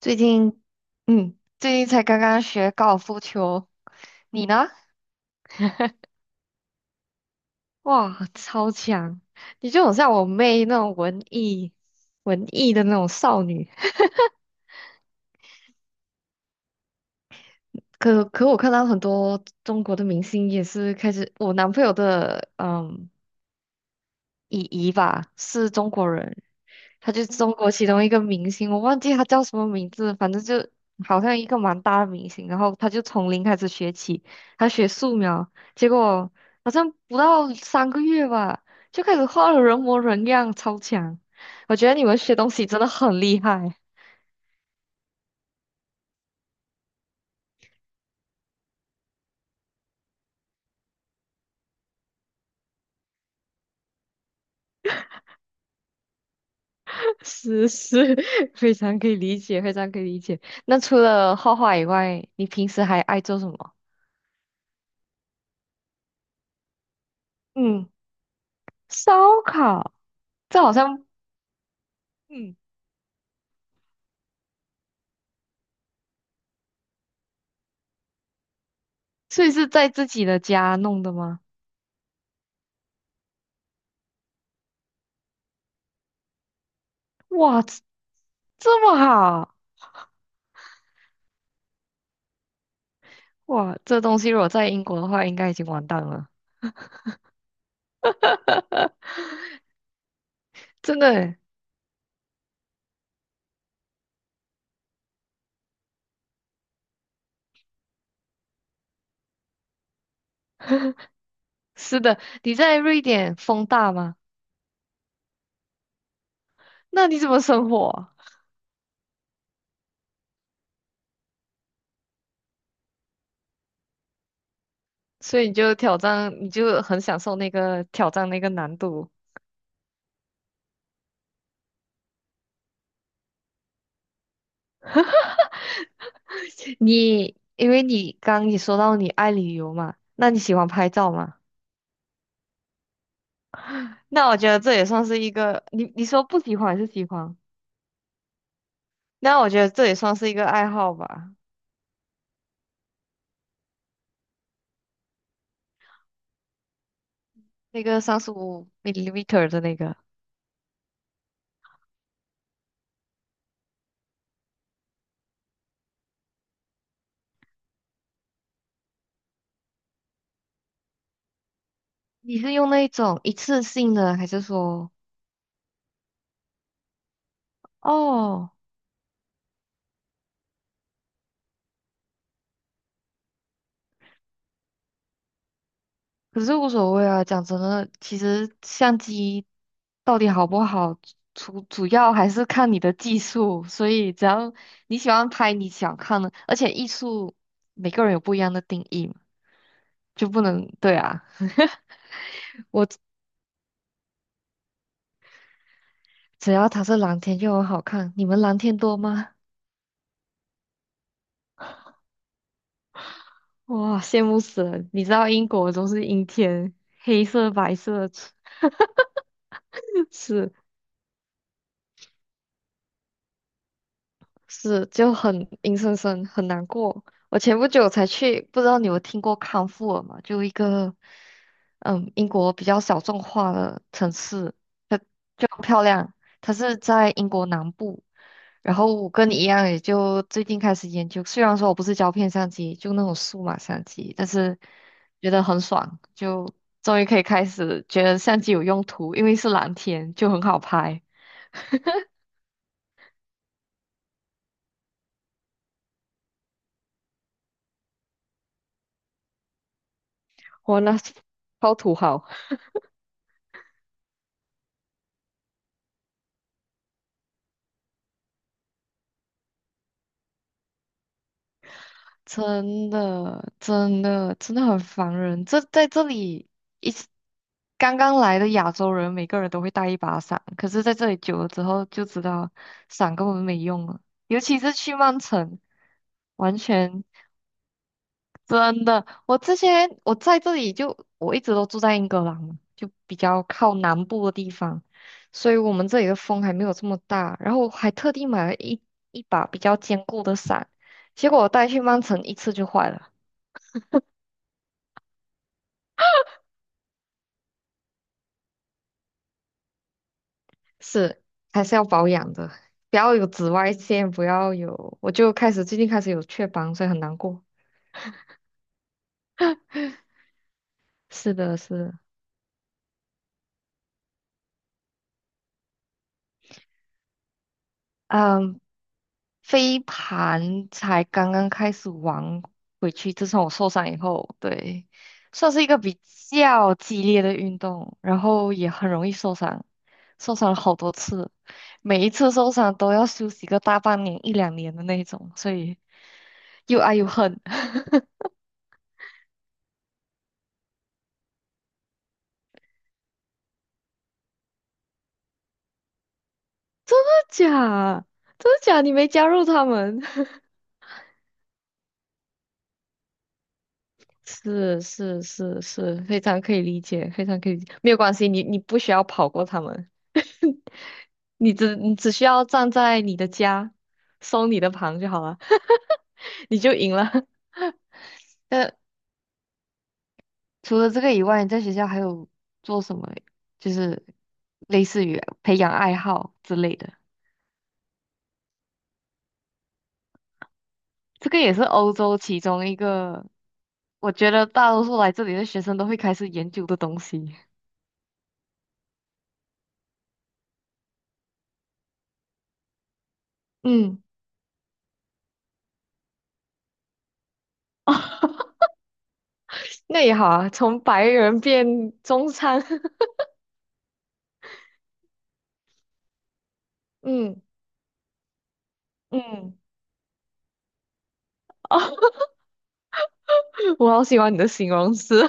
最近，最近才刚刚学高尔夫球。你呢？哇，超强！你就很像我妹那种文艺的那种少女。可可，我看到很多中国的明星也是开始，我男朋友的姨姨吧，是中国人。他就是中国其中一个明星，我忘记他叫什么名字，反正就好像一个蛮大的明星。然后他就从零开始学起，他学素描，结果好像不到3个月吧，就开始画的人模人样，超强。我觉得你们学东西真的很厉害。是是，非常可以理解，非常可以理解。那除了画画以外，你平时还爱做什么？嗯，烧烤，这好像，嗯，所以是在自己的家弄的吗？哇，这么好。哇，这东西如果在英国的话，应该已经完蛋了。真的欸。是的，你在瑞典风大吗？那你怎么生活啊？所以你就挑战，你就很享受那个挑战那个难度。你因为你刚刚说到你爱旅游嘛，那你喜欢拍照吗？那我觉得这也算是一个，你说不喜欢还是喜欢？那我觉得这也算是一个爱好吧。那个35 mm 的那个，你是用那一种一次性的，还是说？哦，可是无所谓啊。讲真的，其实相机到底好不好，主要还是看你的技术。所以只要你喜欢拍你想看的，而且艺术每个人有不一样的定义嘛，就不能对啊。只要它是蓝天就很好看。你们蓝天多吗？哇，羡慕死了！你知道英国都是阴天，黑色、白色。是。是就很阴森森，很难过。我前不久才去，不知道你有听过康沃尔吗？就一个英国比较小众化的城市，它就很漂亮。它是在英国南部，然后我跟你一样，也就最近开始研究。虽然说我不是胶片相机，就那种数码相机，但是觉得很爽，就终于可以开始觉得相机有用途，因为是蓝天，就很好拍。我那超土豪。真的，真的，真的很烦人。这在这里一次刚刚来的亚洲人，每个人都会带一把伞，可是在这里久了之后就知道伞根本没用了，尤其是去曼城，完全真的。我之前我在这里就我一直都住在英格兰嘛，就比较靠南部的地方，所以我们这里的风还没有这么大。然后我还特地买了一把比较坚固的伞，结果我带去曼城一次就坏了。是，还是要保养的，不要有紫外线，不要有，我就开始最近开始有雀斑，所以很难过。是的，是的。嗯，飞盘才刚刚开始玩回去，自从我受伤以后，对，算是一个比较激烈的运动，然后也很容易受伤，受伤了好多次，每一次受伤都要休息个大半年、一两年的那种，所以又爱又恨。假，真的假？你没加入他们？是是是是，非常可以理解，非常可以理解，没有关系，你不需要跑过他们，你只需要站在你的家，收你的旁就好了，你就赢了。那除了这个以外，你在学校还有做什么？就是类似于培养爱好之类的。这个也是欧洲其中一个，我觉得大多数来这里的学生都会开始研究的东西。嗯。那也好啊，从白人变中餐。嗯嗯，哦。我好喜欢你的形容词。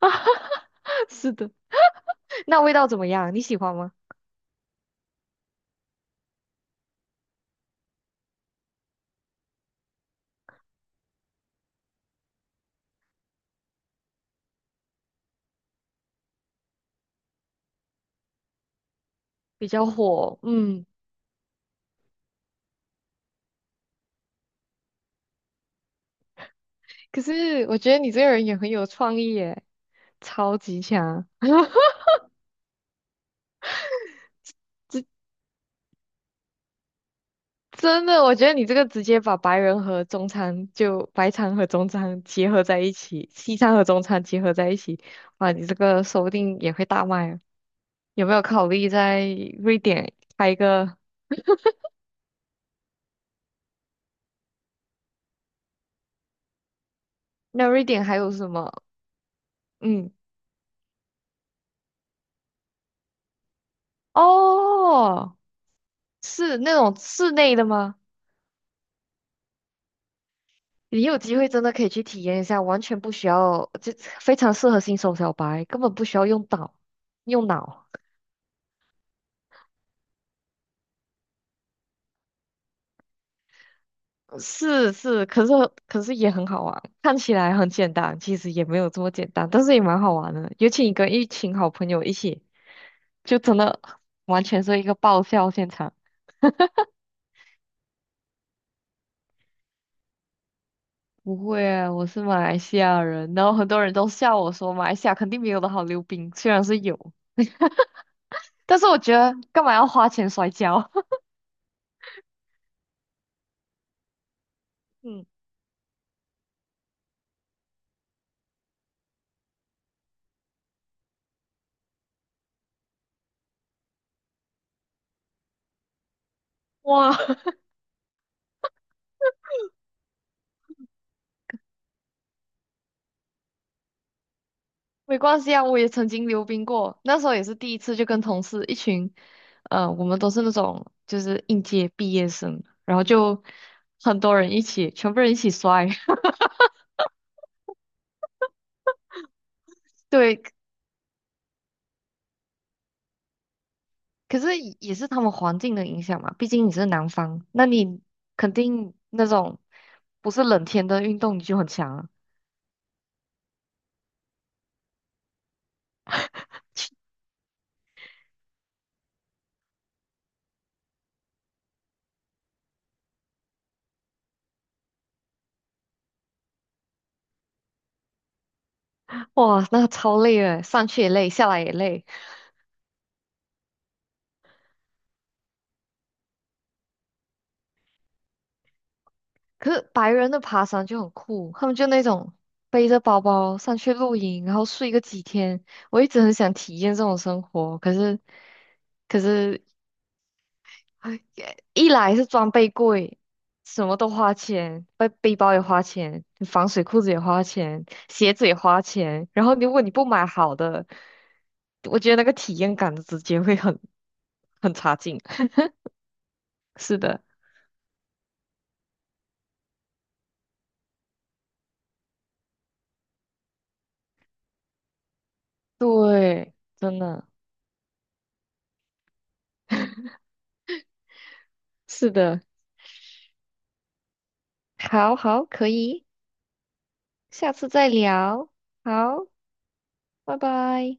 是的，那味道怎么样？你喜欢吗？比较火，嗯。可是我觉得你这个人也很有创意耶，超级强，真的。我觉得你这个直接把白人和中餐就白餐和中餐结合在一起，西餐和中餐结合在一起，哇，你这个说不定也会大卖啊。有没有考虑在瑞典开一个？那瑞典还有什么？嗯，哦，是那种室内的吗？你有机会真的可以去体验一下，完全不需要，就非常适合新手小白，根本不需要用脑，用脑。是是，可是也很好玩，看起来很简单，其实也没有这么简单，但是也蛮好玩的。尤其你跟一群好朋友一起，就真的完全是一个爆笑现场。不会啊，我是马来西亚人，然后很多人都笑我说马来西亚肯定没有的好溜冰，虽然是有，但是我觉得干嘛要花钱摔跤？嗯，哇，没关系啊，我也曾经溜冰过，那时候也是第一次，就跟同事一群，我们都是那种就是应届毕业生，然后就很多人一起，全部人一起摔。对，可是也是他们环境的影响嘛，毕竟你是南方，那你肯定那种不是冷天的运动你就很强啊。哇，那个超累的，上去也累，下来也累。可是白人的爬山就很酷，他们就那种背着包包上去露营，然后睡个几天。我一直很想体验这种生活，可是,哎一来是装备贵，什么都花钱，背背包也花钱，防水裤子也花钱，鞋子也花钱。然后如果你不买好的，我觉得那个体验感直接会很差劲。是的，对，真的。是的，好好，可以，下次再聊。好，拜拜。